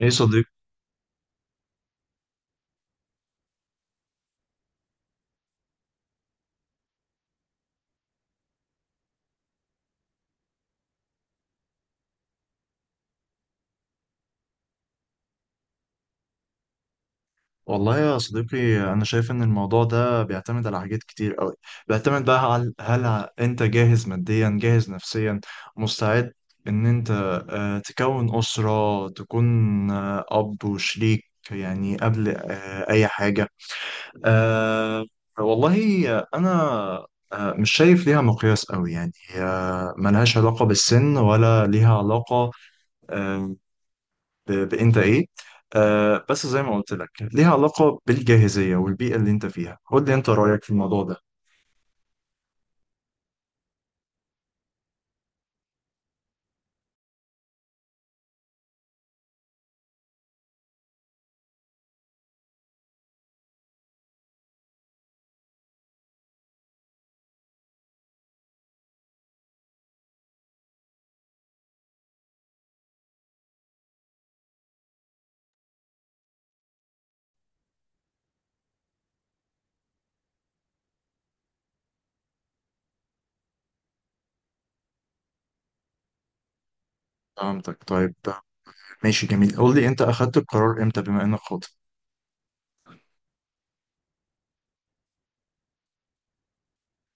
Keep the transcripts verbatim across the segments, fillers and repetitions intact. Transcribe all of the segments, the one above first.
ايه صديق؟ والله يا صديقي انا شايف ان الموضوع ده بيعتمد على حاجات كتير قوي. بيعتمد بقى على هل ع- انت جاهز ماديا جاهز نفسيا مستعد ان انت آه، تكون اسرة، تكون آه، اب وشريك يعني قبل آه، اي حاجة. آه، والله انا آه، مش شايف ليها مقياس قوي يعني، آه، ملهاش علاقة بالسن ولا ليها علاقة آه، ب- بانت ايه. آه بس زي ما قلت لك ليها علاقة بالجاهزية والبيئة اللي انت فيها. قول لي انت رأيك في الموضوع ده. فهمتك، طيب ماشي، جميل. قول لي انت اخدت القرار امتى بما انك خاطب.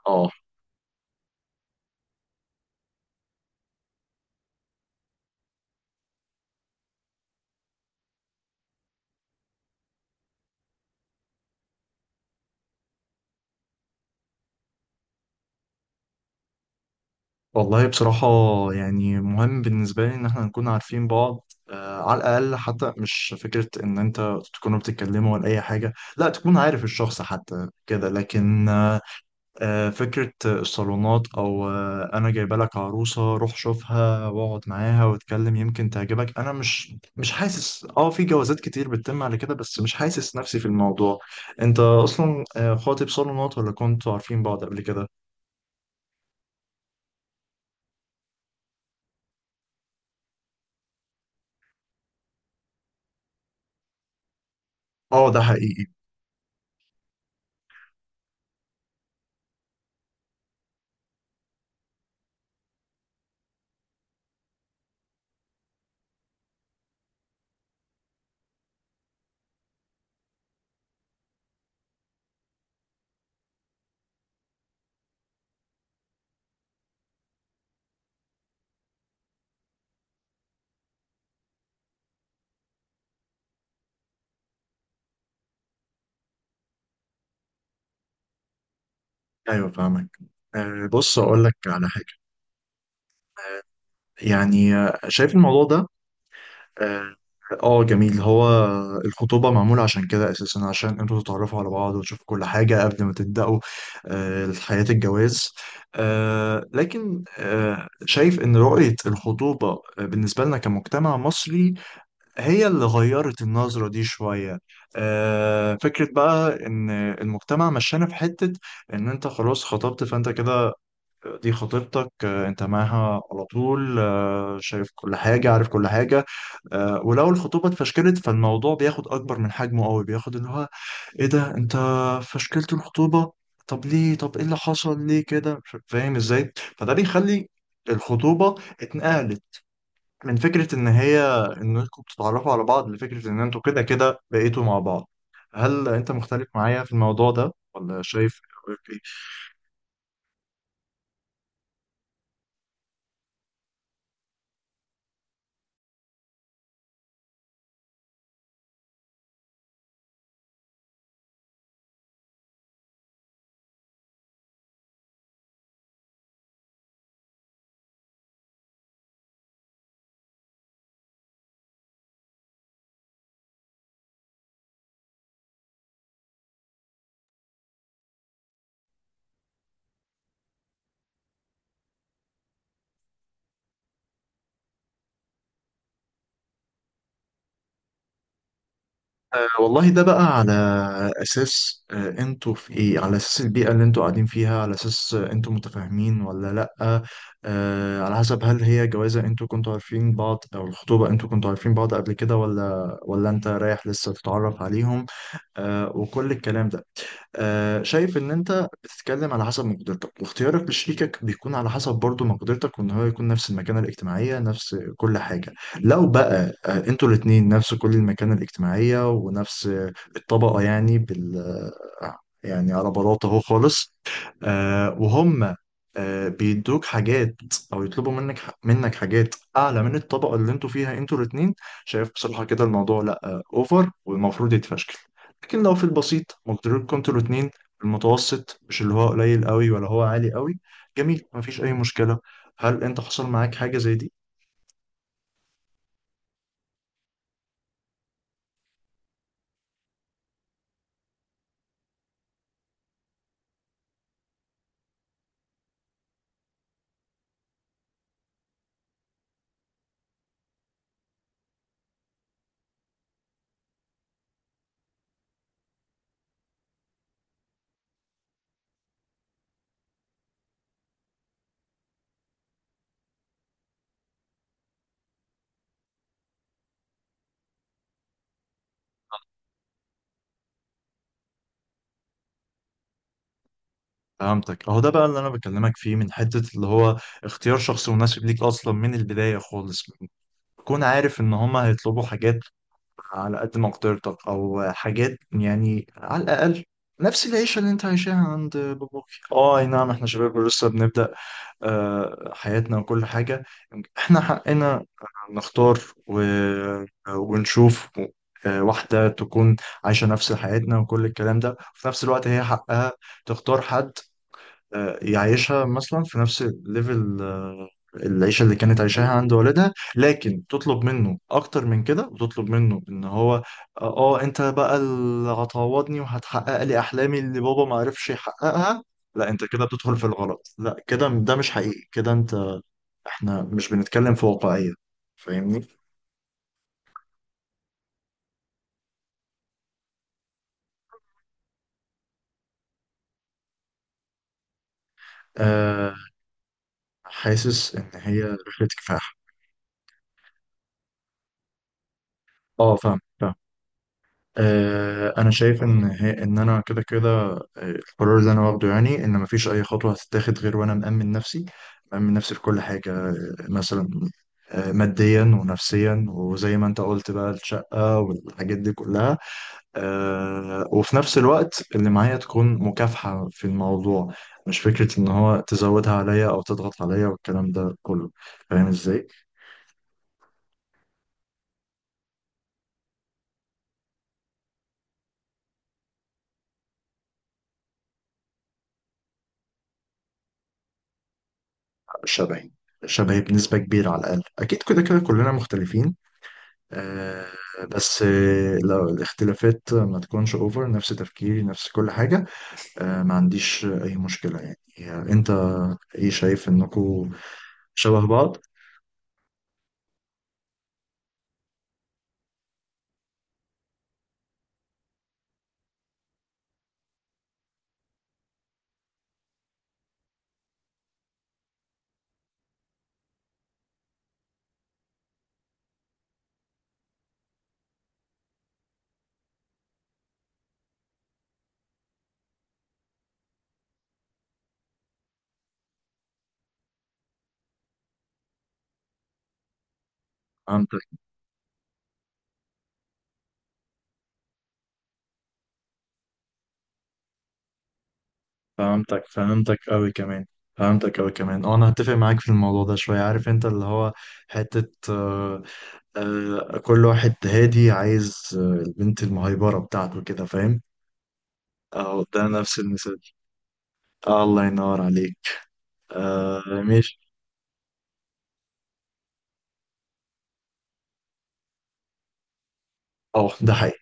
اه والله بصراحة، يعني مهم بالنسبة لي ان احنا نكون عارفين بعض آه على الاقل، حتى مش فكرة ان انت تكونوا بتتكلموا ولا اي حاجة، لا تكون عارف الشخص حتى كده. لكن آه آه، فكرة الصالونات أو آه، أنا جايبة لك عروسة روح شوفها واقعد معاها واتكلم يمكن تعجبك، أنا مش مش حاسس، أه في جوازات كتير بتتم على كده بس مش حاسس نفسي في الموضوع. أنت أصلا آه، خاطب صالونات ولا كنتوا عارفين بعض قبل كده؟ أه ده حقيقي. أيوه فاهمك، آه، بص أقول لك على حاجة. يعني آه، شايف الموضوع ده، اه آه، جميل هو. الخطوبة معمولة عشان كده أساسا، عشان انتوا تتعرفوا على بعض وتشوفوا كل حاجة قبل ما تبدأوا آه، حياة الجواز. آه، لكن آه، شايف إن رؤية الخطوبة آه، بالنسبة لنا كمجتمع مصري هي اللي غيرت النظرة دي شوية. آه، فكرة بقى إن المجتمع مشانا في حتة إن أنت خلاص خطبت، فأنت كده دي خطيبتك، آه، انت معاها على طول آه، شايف كل حاجة عارف كل حاجة. آه، ولو الخطوبة اتفشكلت فالموضوع بياخد أكبر من حجمه قوي، بياخد اللي هو ايه ده انت فشكلت الخطوبة، طب ليه، طب ايه اللي حصل، ليه كده مش فاهم ازاي. فده بيخلي الخطوبة اتنقلت من فكرة ان هي انكم بتتعرفوا على بعض لفكرة ان انتوا كده كده بقيتوا مع بعض. هل انت مختلف معايا في الموضوع ده ولا شايف إيه؟ والله ده بقى على اساس آه، انتوا في ايه، على اساس البيئه اللي انتوا قاعدين فيها، على اساس آه، انتوا متفاهمين ولا لا، آه، على حسب هل هي جوازه انتوا كنتوا عارفين بعض او الخطوبه انتوا كنتوا عارفين بعض قبل كده ولا ولا انت رايح لسه تتعرف عليهم آه، وكل الكلام ده. آه، شايف ان انت بتتكلم على حسب مقدرتك، واختيارك لشريكك بيكون على حسب برضو مقدرتك، وان هو يكون نفس المكانة الاجتماعية نفس كل حاجة. لو بقى آه، انتوا الاتنين نفس كل المكانة الاجتماعية ونفس آه، الطبقة، يعني بال آه، يعني على بلاطة اهو خالص، آه، وهم آه، بيدوك حاجات او يطلبوا منك منك حاجات اعلى من الطبقة اللي انتوا فيها انتوا الاتنين، شايف بصراحة كده الموضوع لا آه، اوفر والمفروض يتفشكل. لكن لو في البسيط مقدارين، كنتوا الاتنين في المتوسط مش اللي هو قليل قوي ولا هو عالي قوي، جميل مفيش أي مشكلة. هل أنت حصل معاك حاجة زي دي؟ فهمتك، أهو ده بقى اللي أنا بكلمك فيه، من حتة اللي هو اختيار شخص مناسب ليك أصلا من البداية خالص. تكون عارف إن هما هيطلبوا حاجات على قد مقدرتك أو حاجات يعني على الأقل نفس العيشة اللي أنت عايشاها عند باباك. اه أي نعم، إحنا شباب لسه بنبدأ آه، حياتنا وكل حاجة. احنا حقنا نختار و... ونشوف آه، واحدة تكون عايشة نفس حياتنا وكل الكلام ده، وفي نفس الوقت هي حقها تختار حد آه، يعيشها مثلا في نفس الليفل، آه، العيشة اللي كانت عايشاها عند والدها. لكن تطلب منه أكتر من كده، وتطلب منه إن هو آه آه، أنت بقى اللي هتعوضني وهتحقق لي أحلامي اللي بابا ما عرفش يحققها، لا أنت كده بتدخل في الغلط، لا كده ده مش حقيقي كده أنت. إحنا مش بنتكلم في واقعية، فاهمني؟ أه حاسس إن هي رحلة كفاح. أه فاهم. آه، انا شايف ان هي ان انا كده كده آه، القرار اللي انا واخده يعني، ان مفيش اي خطوه هتتاخد غير وانا مأمن نفسي. مأمن نفسي في كل حاجه، آه، مثلا آه، ماديا ونفسيا، وزي ما انت قلت بقى الشقه والحاجات دي كلها، آه، وفي نفس الوقت اللي معايا تكون مكافحه في الموضوع، مش فكره ان هو تزودها عليا او تضغط عليا والكلام ده كله، فاهم ازاي. شبهي، شبهي بنسبه كبيره، على الاقل اكيد كده كده كلنا مختلفين، آه، بس آه، لو الاختلافات ما تكونش اوفر، نفس تفكيري نفس كل حاجة، آه، ما عنديش اي مشكلة. يعني يعني انت ايه، شايف انكم شبه بعض؟ فهمتك فهمتك فهمتك قوي كمان، فهمتك قوي كمان. اه انا هتفق معاك في الموضوع ده شوية. عارف انت اللي هو حتة آه، آه، كل واحد هادي عايز آه، البنت المهيبرة بتاعته كده فاهم. اه ده نفس المثال. آه الله ينور عليك. آه ماشي، اه ده حقيقي.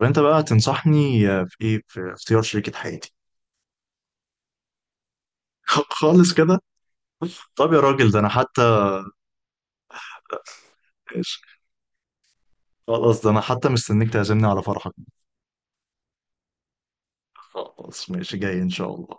وانت بقى تنصحني آه، في ايه في اختيار شريكة حياتي؟ خالص كده؟ طب يا راجل، ده انا حتى ماشي. خلاص، ده انا حتى مستنيك تعزمني على فرحك. خلاص ماشي، جاي ان شاء الله.